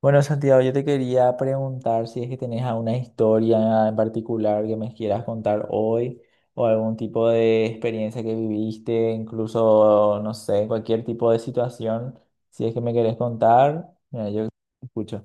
Bueno, Santiago, yo te quería preguntar si es que tenés alguna historia en particular que me quieras contar hoy o algún tipo de experiencia que viviste, incluso, no sé, cualquier tipo de situación, si es que me querés contar, mira, yo escucho.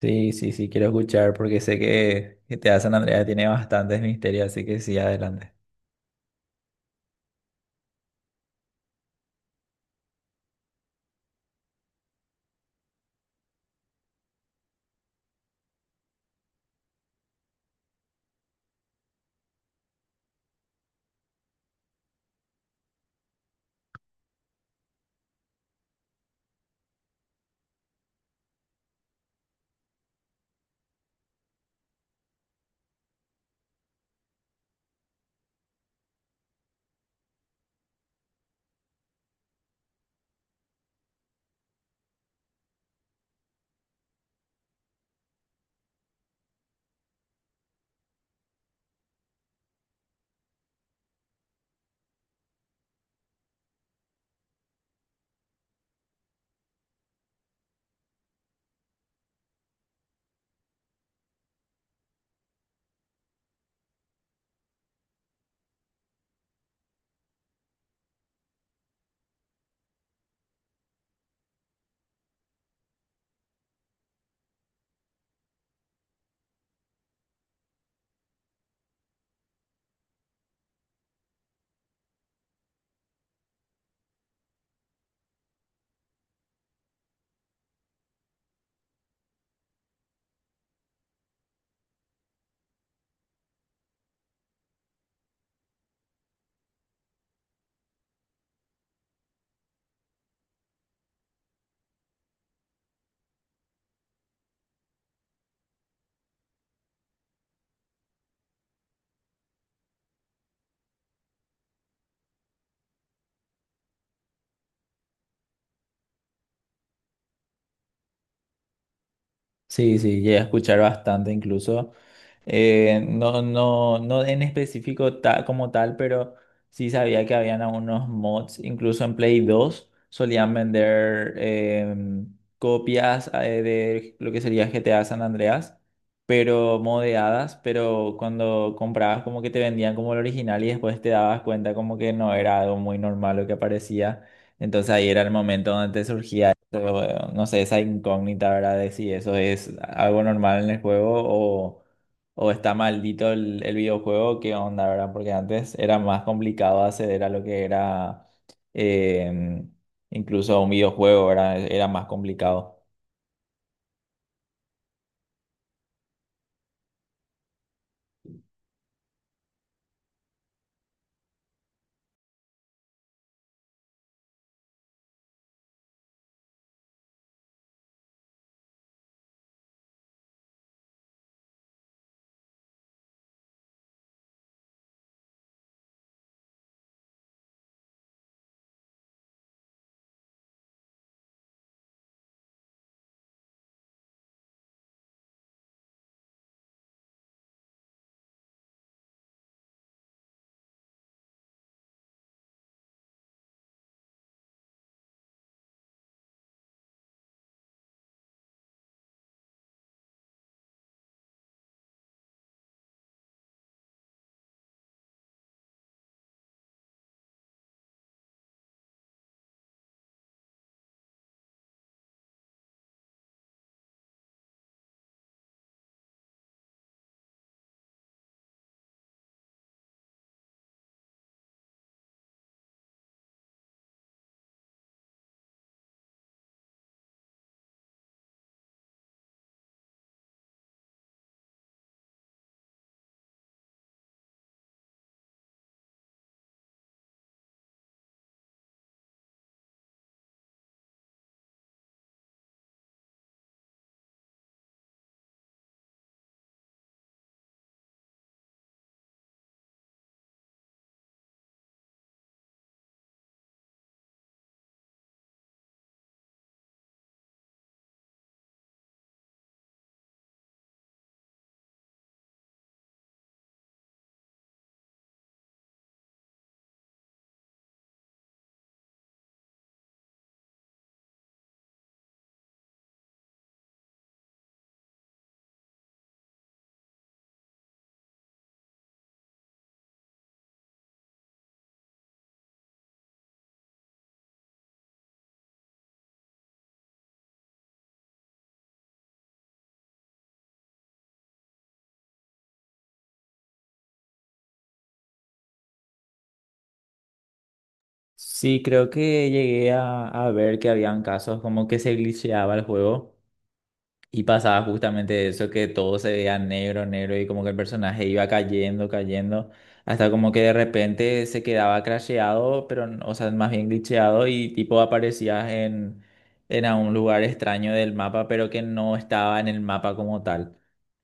Sí, sí, sí, quiero escuchar porque sé que te San Andrea tiene bastantes misterios, así que sí, adelante. Sí, sí, llegué a escuchar bastante incluso. No, no, no en específico como tal, pero sí sabía que habían algunos mods, incluso en Play 2 solían vender copias de lo que sería GTA San Andreas, pero modeadas, pero cuando comprabas como que te vendían como el original y después te dabas cuenta como que no era algo muy normal lo que aparecía. Entonces ahí era el momento donde te surgía, eso, no sé, esa incógnita, ¿verdad? De si eso es algo normal en el juego o está maldito el videojuego, ¿qué onda, verdad? Porque antes era más complicado acceder a lo que era eh, incluso un videojuego, ¿verdad? Era más complicado. Sí, creo que llegué a ver que habían casos como que se glitcheaba el juego. Y pasaba justamente eso que todo se veía negro, negro y como que el personaje iba cayendo, cayendo, hasta como que de repente se quedaba crasheado, pero, o sea, más bien glitcheado y tipo aparecías en a un lugar extraño del mapa, pero que no estaba en el mapa como tal.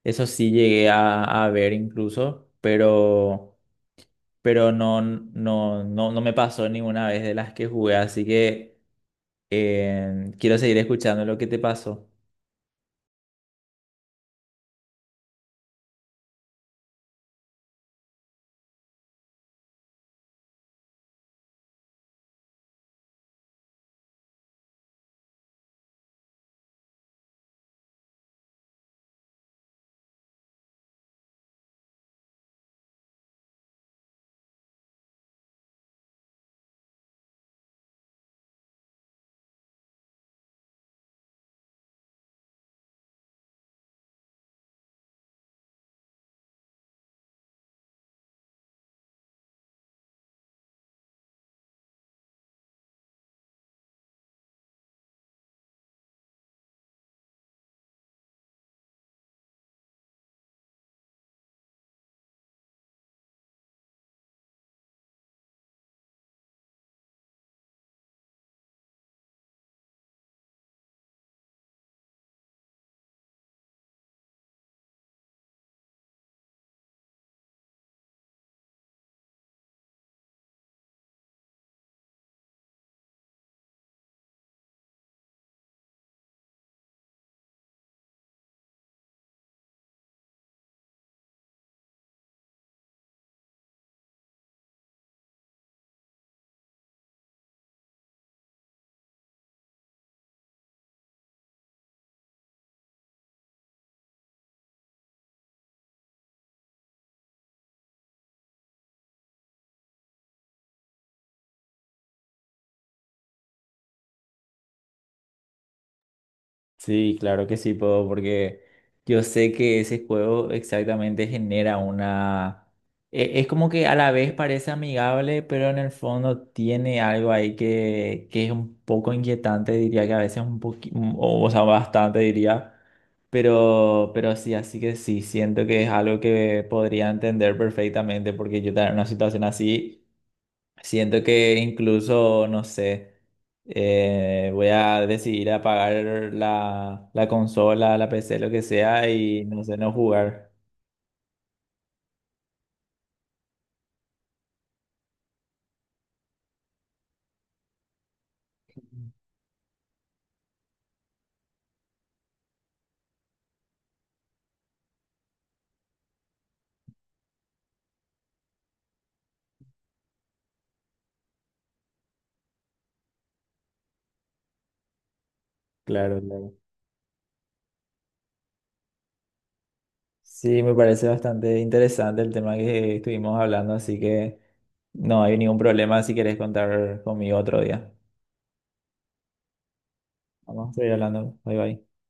Eso sí llegué a ver incluso, pero no, no, no, no me pasó ninguna vez de las que jugué, así que quiero seguir escuchando lo que te pasó. Sí, claro que sí puedo, porque yo sé que ese juego exactamente genera una... Es como que a la vez parece amigable, pero en el fondo tiene algo ahí que es un poco inquietante, diría que a veces un poquito, o sea, bastante diría, pero sí, así que sí, siento que es algo que podría entender perfectamente, porque yo estaba en una situación así. Siento que incluso, no sé, voy a decidir apagar la consola, la PC, lo que sea, y no sé, no jugar. Claro, claro. Sí, me parece bastante interesante el tema que estuvimos hablando, así que no hay ningún problema si querés contar conmigo otro día. Vamos a seguir hablando. Bye bye.